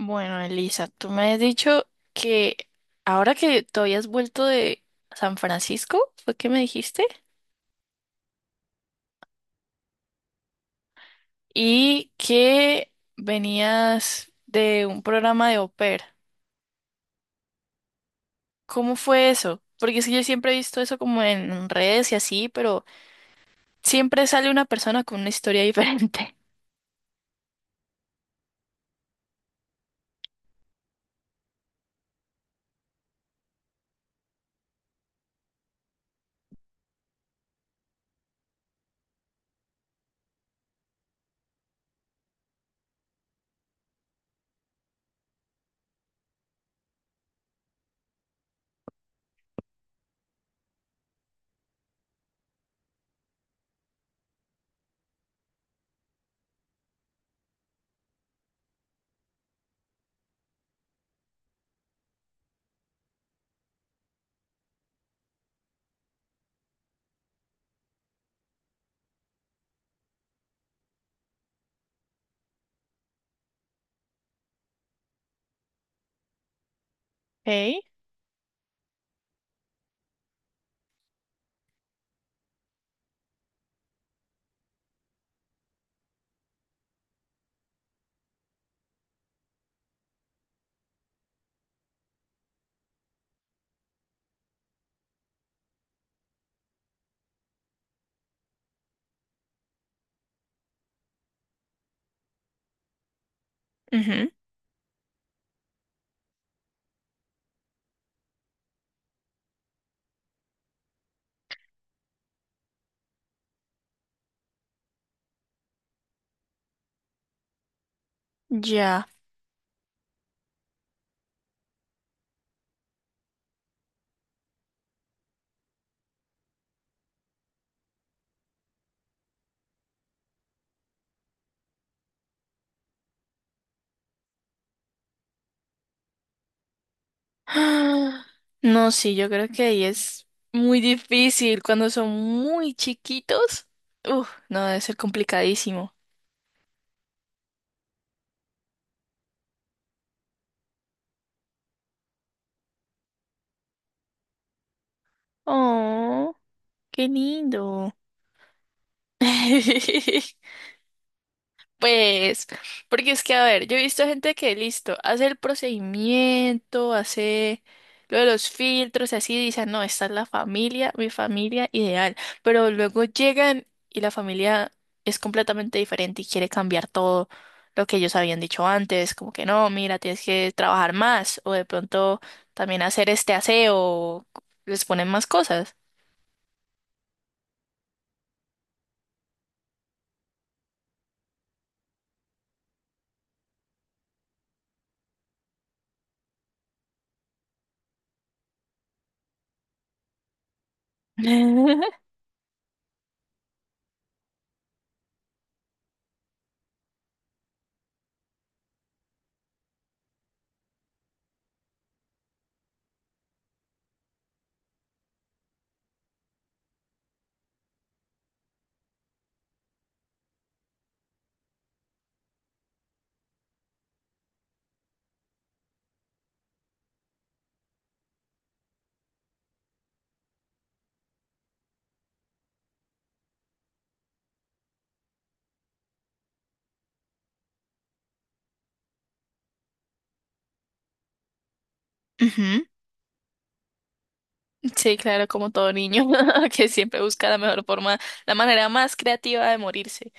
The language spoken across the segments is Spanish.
Bueno, Elisa, tú me has dicho que ahora que te habías vuelto de San Francisco, fue que me dijiste, y que venías de un programa de au pair. ¿Cómo fue eso? Porque es que yo siempre he visto eso como en redes y así, pero siempre sale una persona con una historia diferente. Ok, ujú, ya. Ah, no, sí, yo creo que ahí es muy difícil cuando son muy chiquitos. Uf, no, debe ser complicadísimo. Oh, qué lindo. Pues, porque es que, a ver, yo he visto gente que, listo, hace el procedimiento, hace lo de los filtros, y así, dicen, no, esta es la familia, mi familia ideal, pero luego llegan y la familia es completamente diferente y quiere cambiar todo lo que ellos habían dicho antes, como que no, mira, tienes que trabajar más, o de pronto también hacer este aseo, o les ponen más cosas. Ujú. Sí, claro, como todo niño que siempre busca la mejor forma, la manera más creativa de morirse.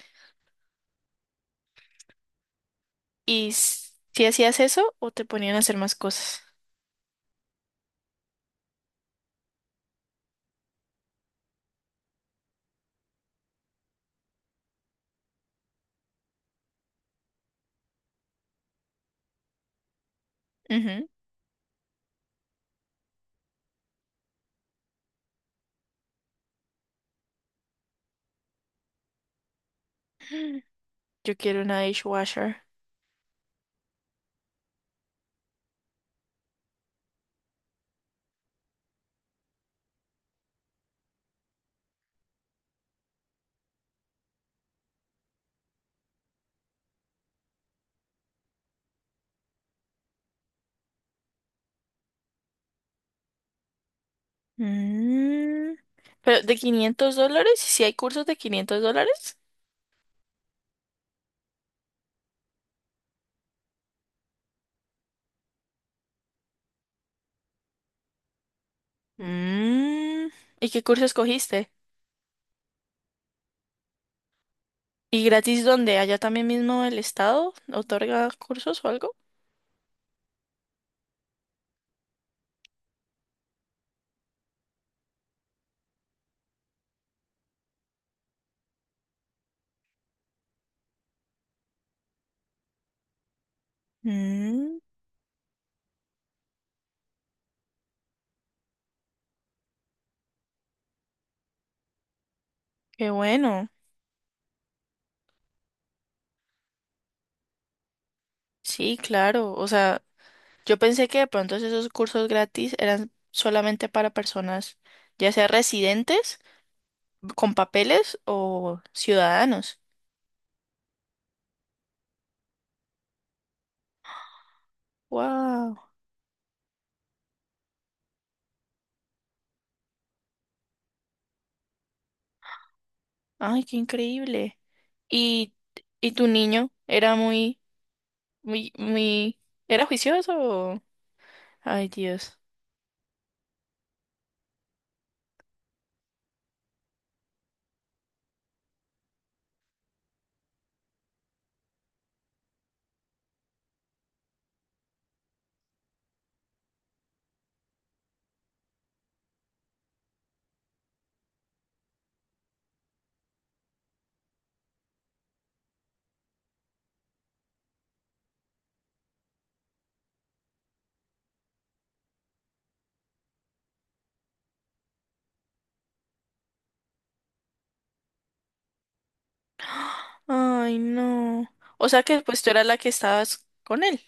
¿Y si hacías eso o te ponían a hacer más cosas? Ujú. Yo quiero una dishwasher. Mm. Pero de 500 dólares, si hay cursos de 500 dólares? Mm. ¿Y qué curso escogiste? ¿Y gratis dónde? ¿Allá también mismo el estado otorga cursos o algo? Mm. Qué bueno. Sí, claro. O sea, yo pensé que de pronto esos cursos gratis eran solamente para personas, ya sea residentes con papeles o ciudadanos. ¡Wow! ¡Ay, qué increíble! ¿Y, y tu niño era muy, muy, muy, era juicioso? Ay, Dios. Ay, no. O sea que pues tú eras la que estabas con él.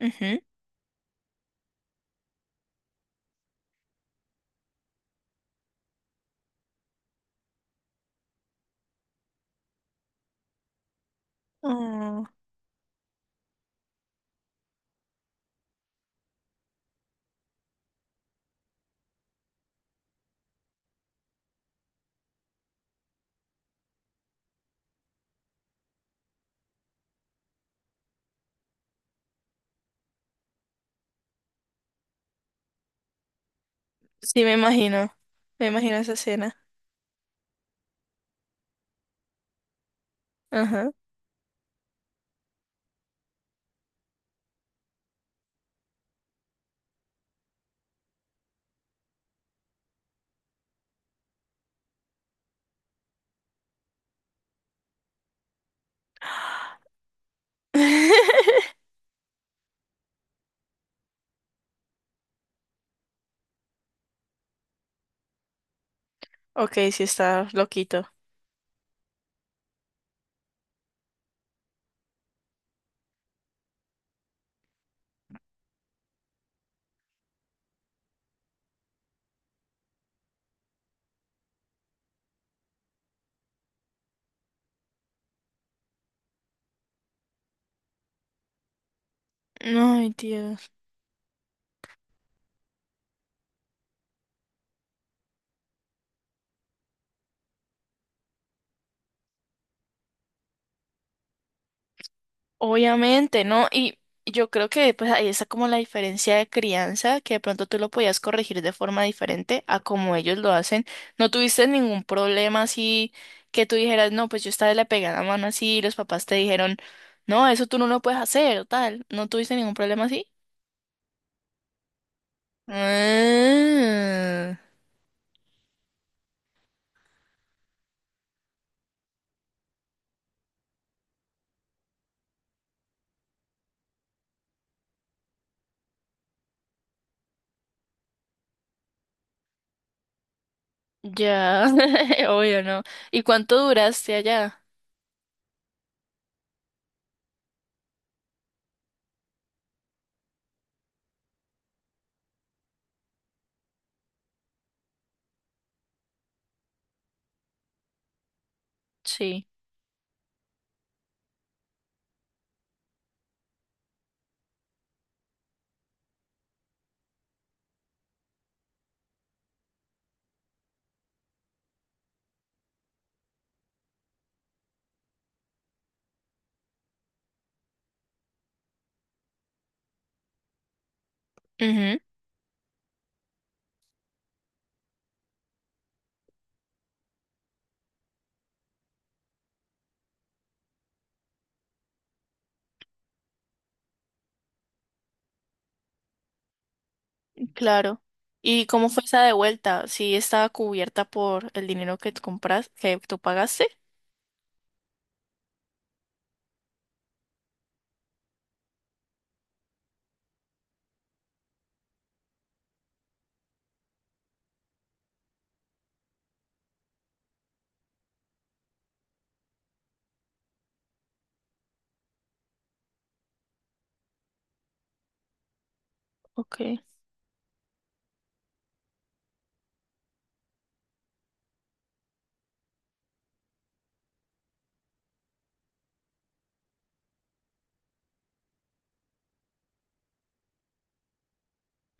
Ujú. Oh, sí, me imagino. Me imagino esa escena. Ajá. Ok, sí está loquito. Ay, Dios. Obviamente, ¿no? Y yo creo que pues ahí está como la diferencia de crianza, que de pronto tú lo podías corregir de forma diferente a como ellos lo hacen. ¿No tuviste ningún problema así que tú dijeras, no, pues yo esta vez le pegué a la mano así y los papás te dijeron, no, eso tú no lo puedes hacer o tal? ¿No tuviste ningún problema así? Ah, ya, obvio, ¿no? ¿Y cuánto duraste allá? Sí. Claro. ¿Y cómo fue esa de vuelta? ¿Sí estaba cubierta por el dinero que tú compras, que tú pagaste? Ok.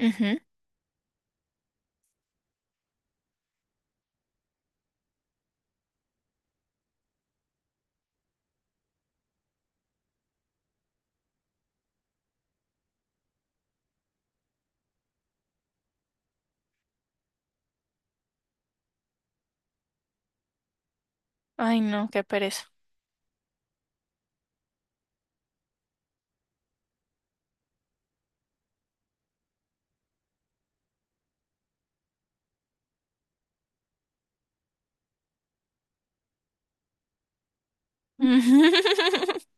Ujú. Ay, no, qué pereza.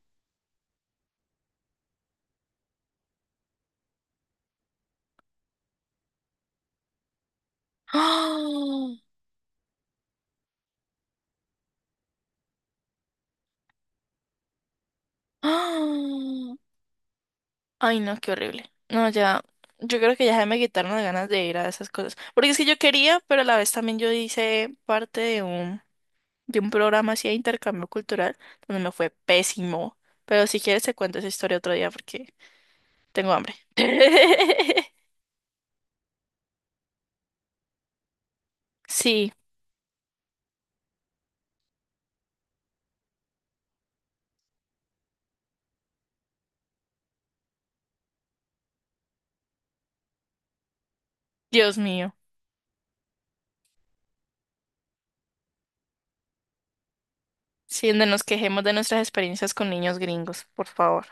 ¡Ah! ¡Ah! Ay, no, qué horrible. No, ya, yo creo que ya se me quitaron las ganas de ir a esas cosas. Porque es que yo quería, pero a la vez también yo hice parte de un programa así de intercambio cultural, donde me fue pésimo. Pero si quieres te cuento esa historia otro día porque tengo hambre. Sí, Dios mío. Sí, donde nos quejemos de nuestras experiencias con niños gringos, por favor.